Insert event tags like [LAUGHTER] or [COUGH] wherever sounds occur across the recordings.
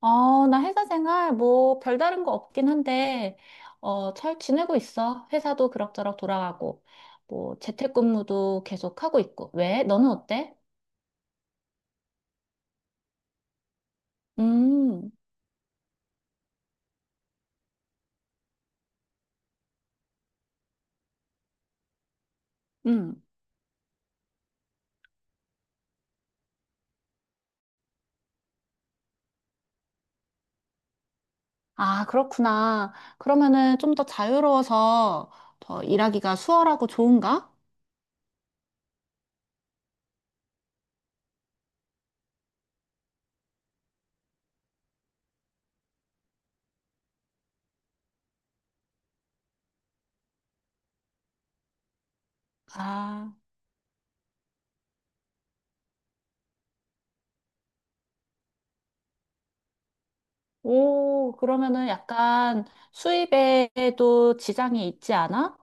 나 회사 생활 뭐 별다른 거 없긴 한데, 잘 지내고 있어. 회사도 그럭저럭 돌아가고, 뭐 재택근무도 계속 하고 있고. 왜? 너는 어때? 음, 음. 아, 그렇구나. 그러면은 좀 더 자유로워서 더 일하기가 수월하고 좋은가? 아, 오, 그러면은 약간 수입에도 지장이 있지 않아?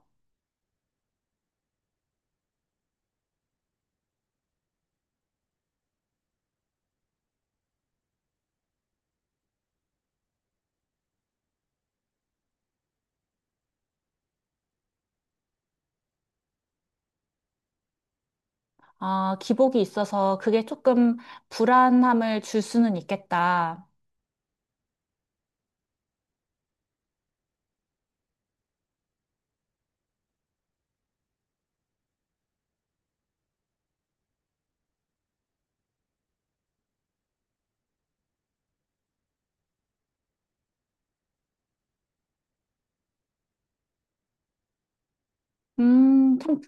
아, 기복이 있어서 그게 조금 불안함을 줄 수는 있겠다. 참,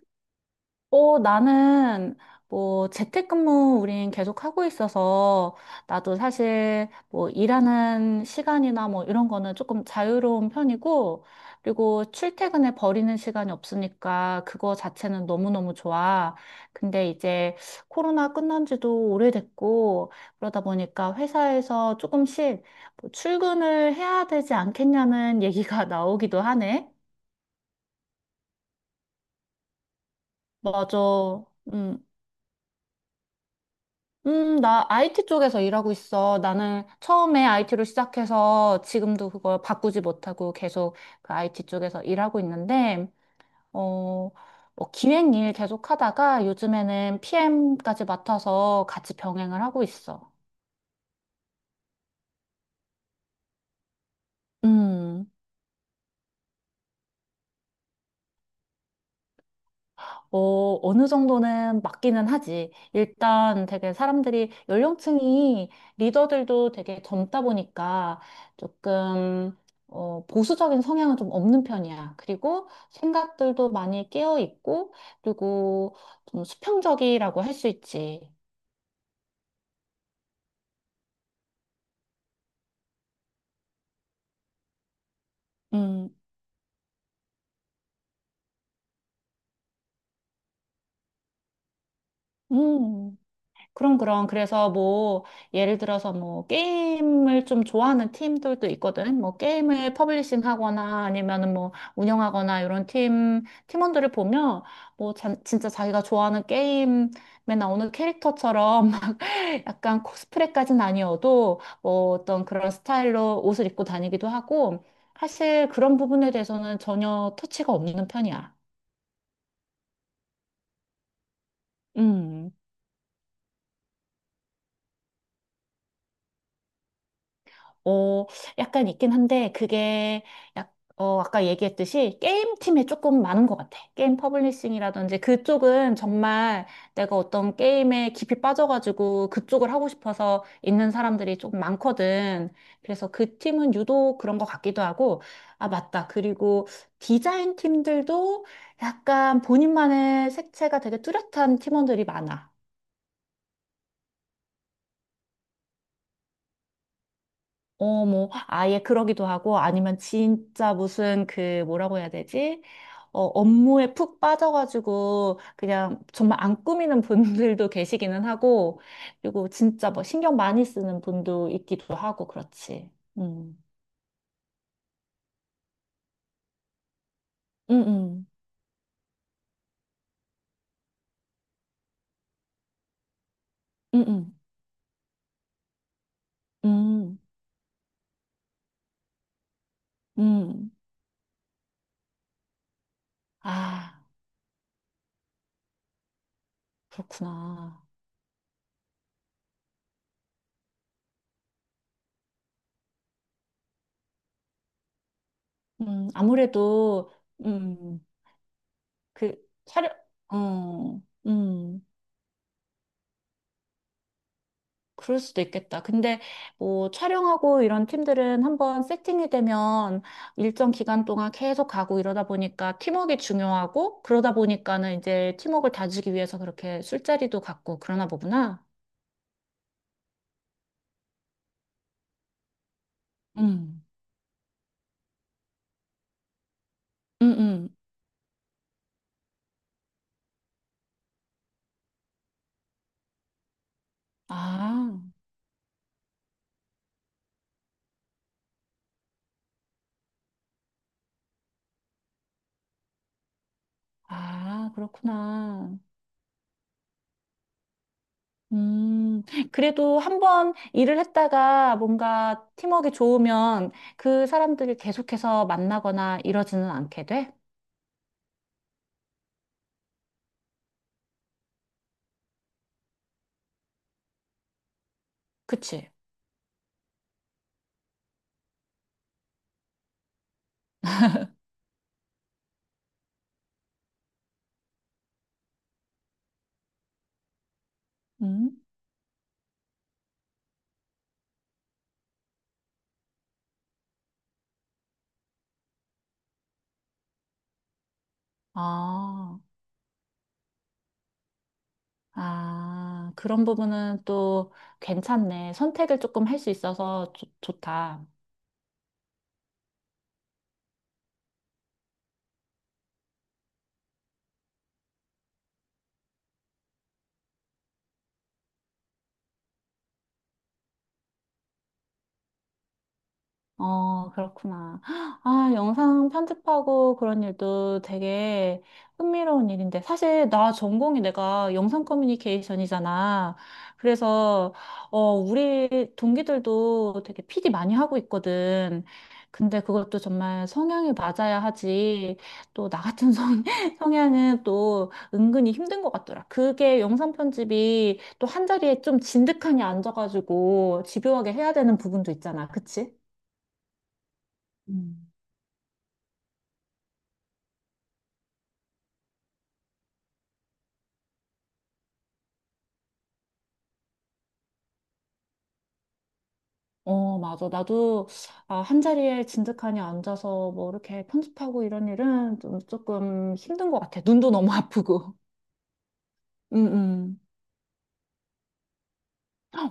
나는, 뭐, 재택근무 우린 계속 하고 있어서, 나도 사실, 뭐, 일하는 시간이나 뭐, 이런 거는 조금 자유로운 편이고, 그리고 출퇴근에 버리는 시간이 없으니까, 그거 자체는 너무너무 좋아. 근데 이제, 코로나 끝난 지도 오래됐고, 그러다 보니까 회사에서 조금씩, 뭐 출근을 해야 되지 않겠냐는 얘기가 [LAUGHS] 나오기도 하네. 맞아. 음. 나 IT 쪽에서 일하고 있어. 나는 처음에 IT로 시작해서 지금도 그걸 바꾸지 못하고 계속 그 IT 쪽에서 일하고 있는데, 어, 뭐 기획 일 계속 하다가 요즘에는 PM까지 맡아서 같이 병행을 하고 있어. 음. 어느 정도는 맞기는 하지. 일단 되게 사람들이 연령층이 리더들도 되게 젊다 보니까 조금 보수적인 성향은 좀 없는 편이야. 그리고 생각들도 많이 깨어 있고, 그리고 좀 수평적이라고 할 수 있지. 음, 음. 그럼, 그럼. 그래서 뭐, 예를 들어서 뭐, 게임을 좀 좋아하는 팀들도 있거든. 뭐, 게임을 퍼블리싱 하거나 아니면은 뭐, 운영하거나 이런 팀원들을 보면 뭐, 진짜 자기가 좋아하는 게임에 나오는 캐릭터처럼 [LAUGHS] 막 약간 코스프레까지는 아니어도 뭐, 어떤 그런 스타일로 옷을 입고 다니기도 하고 사실 그런 부분에 대해서는 전혀 터치가 없는 편이야. 음. 어, 약간 있긴 한데, 그게, 아까 얘기했듯이 게임팀에 조금 많은 것 같아. 게임 퍼블리싱이라든지 그쪽은 정말 내가 어떤 게임에 깊이 빠져가지고 그쪽을 하고 싶어서 있는 사람들이 조금 많거든. 그래서 그 팀은 유독 그런 것 같기도 하고, 아, 맞다. 그리고 디자인 팀들도 약간 본인만의 색채가 되게 뚜렷한 팀원들이 많아. 뭐, 아예 그러기도 하고, 아니면 진짜 무슨 그, 뭐라고 해야 되지? 업무에 푹 빠져가지고, 그냥 정말 안 꾸미는 분들도 [LAUGHS] 계시기는 하고, 그리고 진짜 뭐 신경 많이 쓰는 분도 있기도 하고, 그렇지. 음, 음, 음, 음, 음, 음. 음. 아, 그렇구나. 아무래도, 음, 그, 촬영, 어, 음. 그럴 수도 있겠다. 근데 뭐 촬영하고 이런 팀들은 한번 세팅이 되면 일정 기간 동안 계속 가고 이러다 보니까 팀워크가 중요하고 그러다 보니까는 이제 팀워크를 다지기 위해서 그렇게 술자리도 갖고 그러나 보구나. 음. 음, 음. 아, 아, 그렇구나. 음, 그래도 한 번 일을 했다가 뭔가 팀워크가 좋으면 그 사람들을 계속해서 만나거나 이러지는 않게 돼? 그치? 음. 아. 아, 그런 부분은 또 괜찮네. 선택을 조금 할 수 있어서 좋다. 그렇구나. 아, 영상 편집하고 그런 일도 되게 흥미로운 일인데. 사실 나 전공이 내가 영상 커뮤니케이션이잖아. 그래서, 우리 동기들도 되게 PD 많이 하고 있거든. 근데 그것도 정말 성향이 맞아야 하지. 또 나 같은 [LAUGHS] 성향은 또 은근히 힘든 것 같더라. 그게 영상 편집이 또 한 자리에 좀 진득하니 앉아가지고 집요하게 해야 되는 부분도 있잖아. 그치? 음. 맞아. 나도, 아, 한 자리에 진득하니 앉아서 뭐 이렇게 편집하고 이런 일은 좀 조금 힘든 것 같아. 눈도 너무 [LAUGHS] 아프고. 음, 음.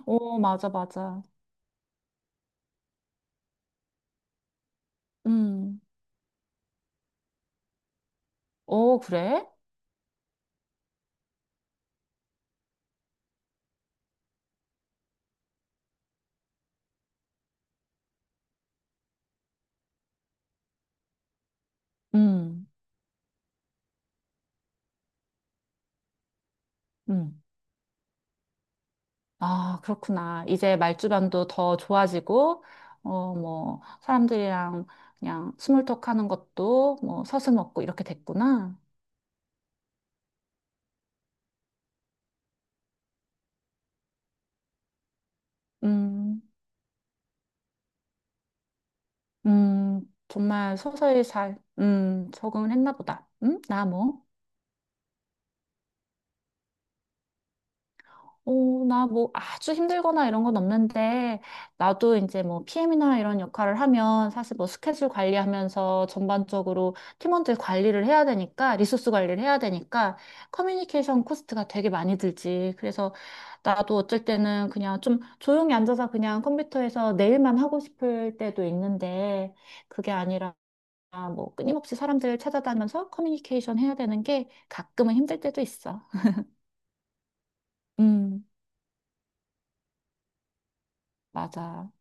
맞아, 맞아. 음. 그래? 음, 음. 아, 그렇구나. 이제 말주변도 더 좋아지고, 뭐, 사람들이랑 그냥 스몰톡 하는 것도 뭐 서슴없고 이렇게 됐구나. 음. 음, 정말 서서히 잘, 적응을 했나 보다. 어, 나 뭐 아주 힘들거나 이런 건 없는데, 나도 이제 뭐 PM이나 이런 역할을 하면 사실 뭐 스케줄 관리하면서 전반적으로 팀원들 관리를 해야 되니까, 리소스 관리를 해야 되니까, 커뮤니케이션 코스트가 되게 많이 들지. 그래서 나도 어쩔 때는 그냥 좀 조용히 앉아서 그냥 컴퓨터에서 내일만 하고 싶을 때도 있는데, 그게 아니라 뭐 끊임없이 사람들 찾아다니면서 커뮤니케이션 해야 되는 게 가끔은 힘들 때도 있어. 음, 맞아.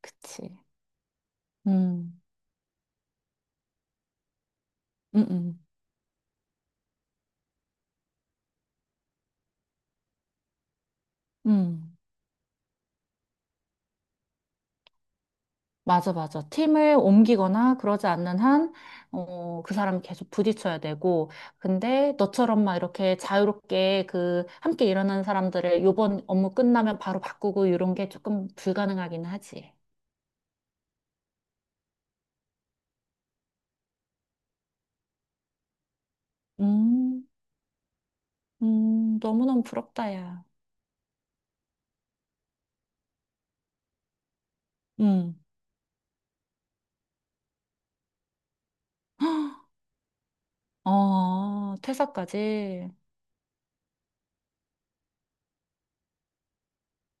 그치. 음, 음, 음, 음. 맞아, 맞아. 팀을 옮기거나 그러지 않는 한, 그 사람 계속 부딪혀야 되고. 근데 너처럼 막 이렇게 자유롭게 그 함께 일하는 사람들을 요번 업무 끝나면 바로 바꾸고 이런 게 조금 불가능하긴 하지. 음, 너무너무 부럽다, 야. 음. 퇴사까지.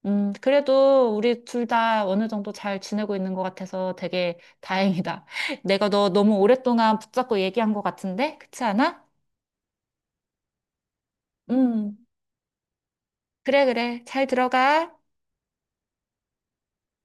그래도 우리 둘 다 어느 정도 잘 지내고 있는 것 같아서 되게 다행이다. [LAUGHS] 내가 너 너무 오랫동안 붙잡고 얘기한 것 같은데? 그렇지 않아? 음, 그래, 그래. 잘 들어가.